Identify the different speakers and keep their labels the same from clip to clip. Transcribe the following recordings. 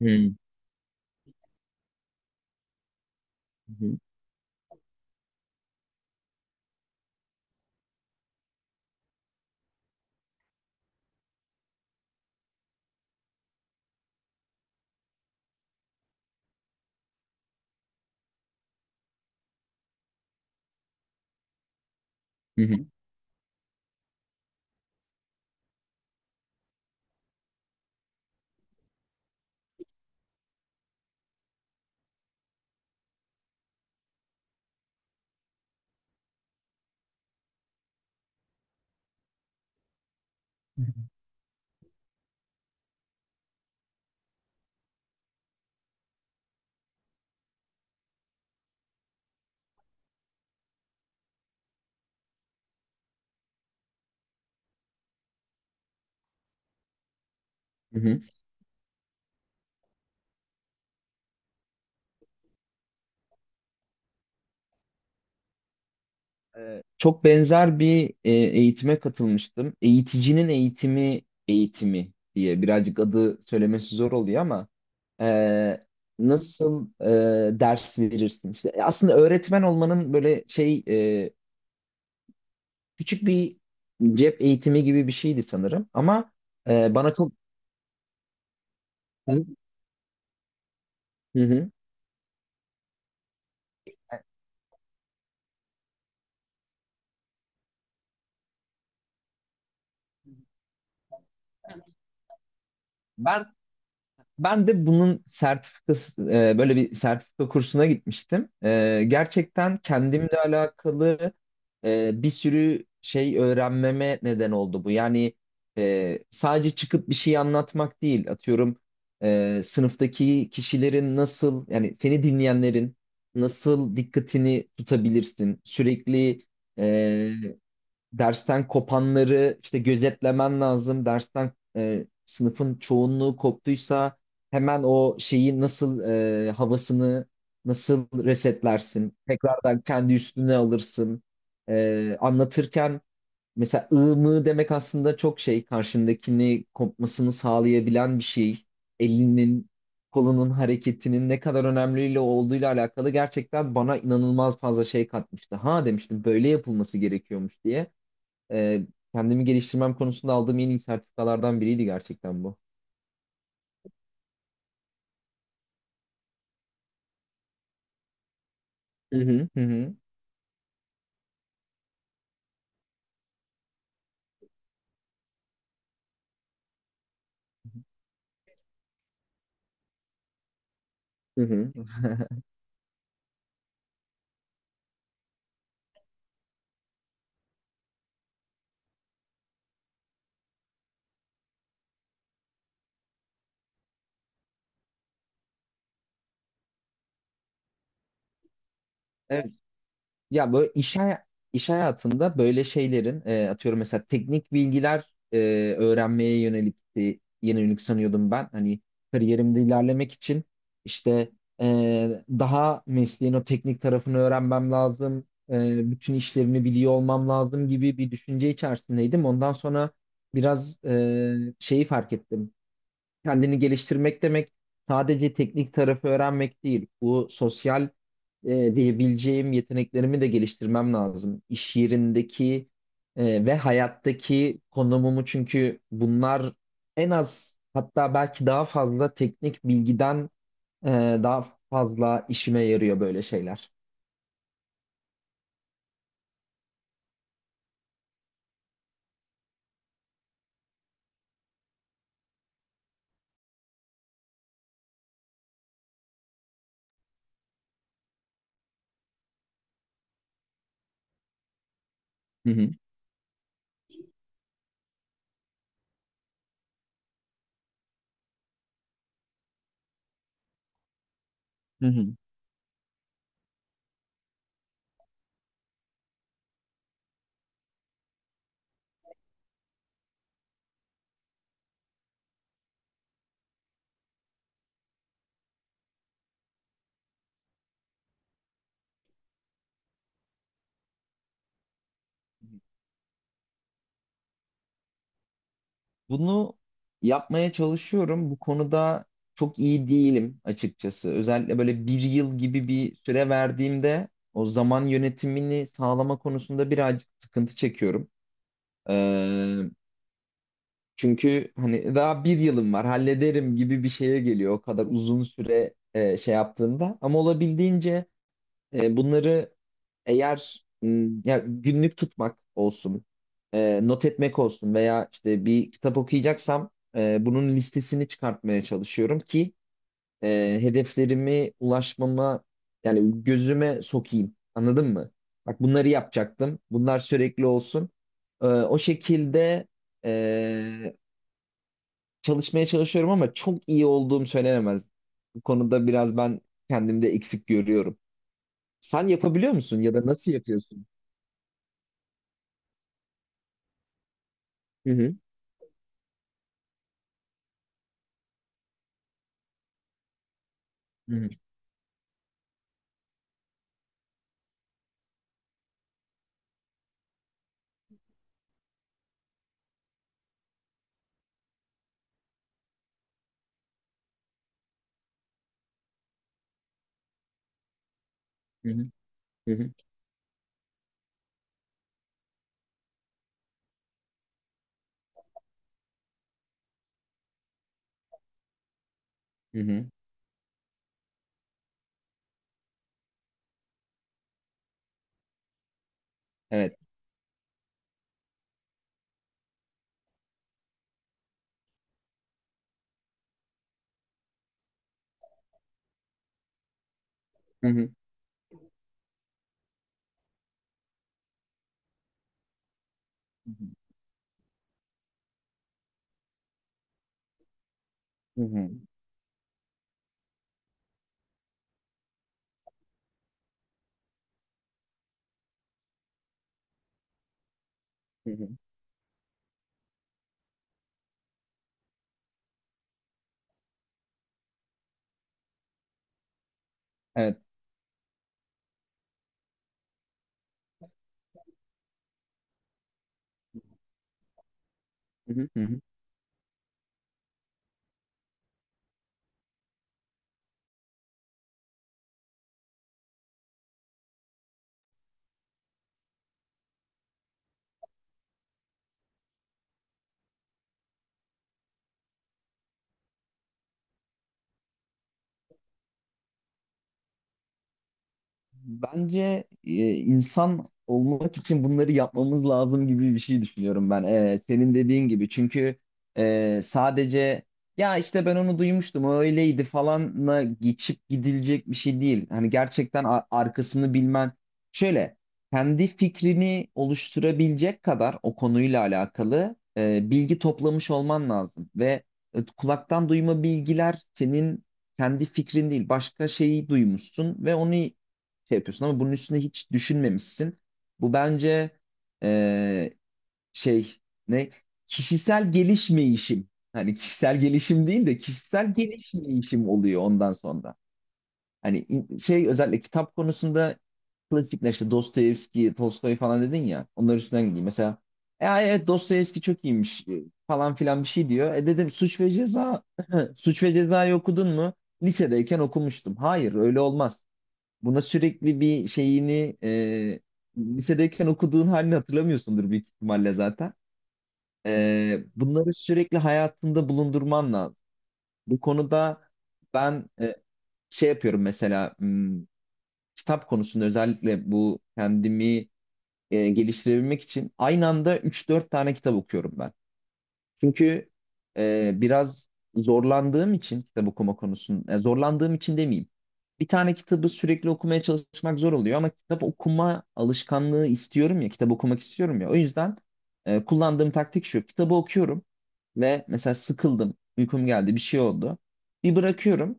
Speaker 1: Hı hı hı hı. Hı hı. Çok benzer bir eğitime katılmıştım. Eğiticinin eğitimi diye birazcık adı söylemesi zor oluyor ama e, nasıl ders verirsin? İşte aslında öğretmen olmanın böyle şey küçük bir cep eğitimi gibi bir şeydi sanırım ama bana çok. Hı hı. Ben Ben de bunun sertifikası böyle bir sertifika kursuna gitmiştim. Gerçekten kendimle alakalı bir sürü şey öğrenmeme neden oldu bu. Yani sadece çıkıp bir şey anlatmak değil. Atıyorum sınıftaki kişilerin nasıl yani seni dinleyenlerin nasıl dikkatini tutabilirsin? Sürekli e, dersten kopanları işte gözetlemen lazım. Dersten sınıfın çoğunluğu koptuysa hemen o şeyi nasıl havasını nasıl resetlersin? Tekrardan kendi üstüne alırsın. Anlatırken mesela ığ mı demek aslında çok şey karşındakini kopmasını sağlayabilen bir şey. Elinin kolunun hareketinin ne kadar önemliyle olduğuyla alakalı gerçekten bana inanılmaz fazla şey katmıştı. Ha demiştim böyle yapılması gerekiyormuş diye e, kendimi geliştirmem konusunda aldığım en iyi sertifikalardan biriydi gerçekten bu. Hı hı hı hı. Hı hı. Evet. Ya böyle iş hayatında böyle şeylerin atıyorum mesela teknik bilgiler öğrenmeye yönelik yönelik sanıyordum ben. Hani kariyerimde ilerlemek için işte daha mesleğin o teknik tarafını öğrenmem lazım. Bütün işlerini biliyor olmam lazım gibi bir düşünce içerisindeydim. Ondan sonra biraz şeyi fark ettim. Kendini geliştirmek demek sadece teknik tarafı öğrenmek değil. Bu sosyal diyebileceğim yeteneklerimi de geliştirmem lazım. İş yerindeki ve hayattaki konumumu, çünkü bunlar en az hatta belki daha fazla teknik bilgiden e, daha fazla işime yarıyor böyle şeyler. Hı hı. Hı hı. Bunu yapmaya çalışıyorum. Bu konuda çok iyi değilim açıkçası. Özellikle böyle bir yıl gibi bir süre verdiğimde o zaman yönetimini sağlama konusunda birazcık sıkıntı çekiyorum. Ee, Çünkü hani daha bir yılım var hallederim gibi bir şeye geliyor o kadar uzun süre şey yaptığında. Ama olabildiğince bunları eğer ya günlük tutmak olsun, not etmek olsun veya işte bir kitap okuyacaksam bunun listesini çıkartmaya çalışıyorum ki hedeflerimi ulaşmama yani gözüme sokayım. Anladın mı? Bak bunları yapacaktım. Bunlar sürekli olsun. O şekilde e, çalışmaya çalışıyorum ama çok iyi olduğum söylenemez. Bu konuda biraz ben kendimde eksik görüyorum. Sen yapabiliyor musun ya da nasıl yapıyorsun? Hı hı. Hı hı. Hı hı. Hı hı. Hı hı. Evet. Hı hı. Hı hı. Hı hı. Hı hı. Evet. Hı hı. Hı hı. Bence insan olmak için bunları yapmamız lazım gibi bir şey düşünüyorum ben. Senin dediğin gibi. Çünkü sadece ya işte ben onu duymuştum, o öyleydi falanla geçip gidilecek bir şey değil. Hani gerçekten arkasını bilmen. Şöyle kendi fikrini oluşturabilecek kadar o konuyla alakalı bilgi toplamış olman lazım ve kulaktan duyma bilgiler senin kendi fikrin değil, başka şeyi duymuşsun ve onu şey yapıyorsun ama bunun üstüne hiç düşünmemişsin. Bu bence eee, şey ne kişisel gelişmeyişim. Hani kişisel gelişim değil de kişisel gelişmeyişim oluyor ondan sonra. Hani şey özellikle kitap konusunda klasikler işte Dostoyevski, Tolstoy falan dedin ya. Onların üstünden gideyim. Mesela ay evet Dostoyevski çok iyiymiş, falan filan bir şey diyor. E dedim Suç ve Ceza. Suç ve Ceza'yı okudun mu? Lisedeyken okumuştum. Hayır öyle olmaz. Buna sürekli bir şeyini lisedeyken okuduğun halini hatırlamıyorsundur büyük ihtimalle zaten. Bunları sürekli hayatında bulundurman lazım. Bu konuda ben şey yapıyorum mesela, kitap konusunda özellikle bu kendimi geliştirebilmek için aynı anda üç dört tane kitap okuyorum ben. Çünkü biraz zorlandığım için kitap okuma konusunda, zorlandığım için demeyeyim. Bir tane kitabı sürekli okumaya çalışmak zor oluyor ama kitap okuma alışkanlığı istiyorum ya, kitap okumak istiyorum ya. O yüzden kullandığım taktik şu, kitabı okuyorum ve mesela sıkıldım, uykum geldi, bir şey oldu. Bir bırakıyorum,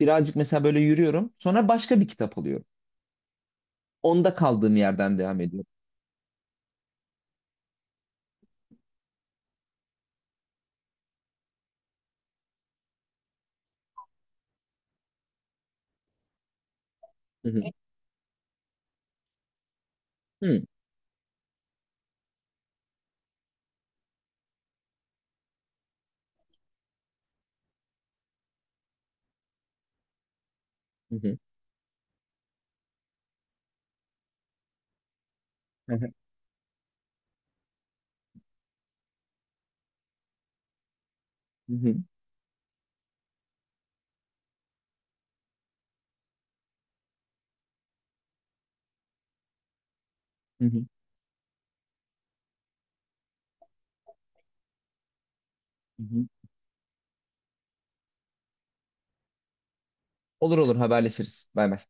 Speaker 1: birazcık mesela böyle yürüyorum, sonra başka bir kitap alıyorum. Onda kaldığım yerden devam ediyorum. Hı hı. Hı hı. Hı hı. Hı hı. Hı hı. Hı hı. Olur olur, haberleşiriz. Bay bay.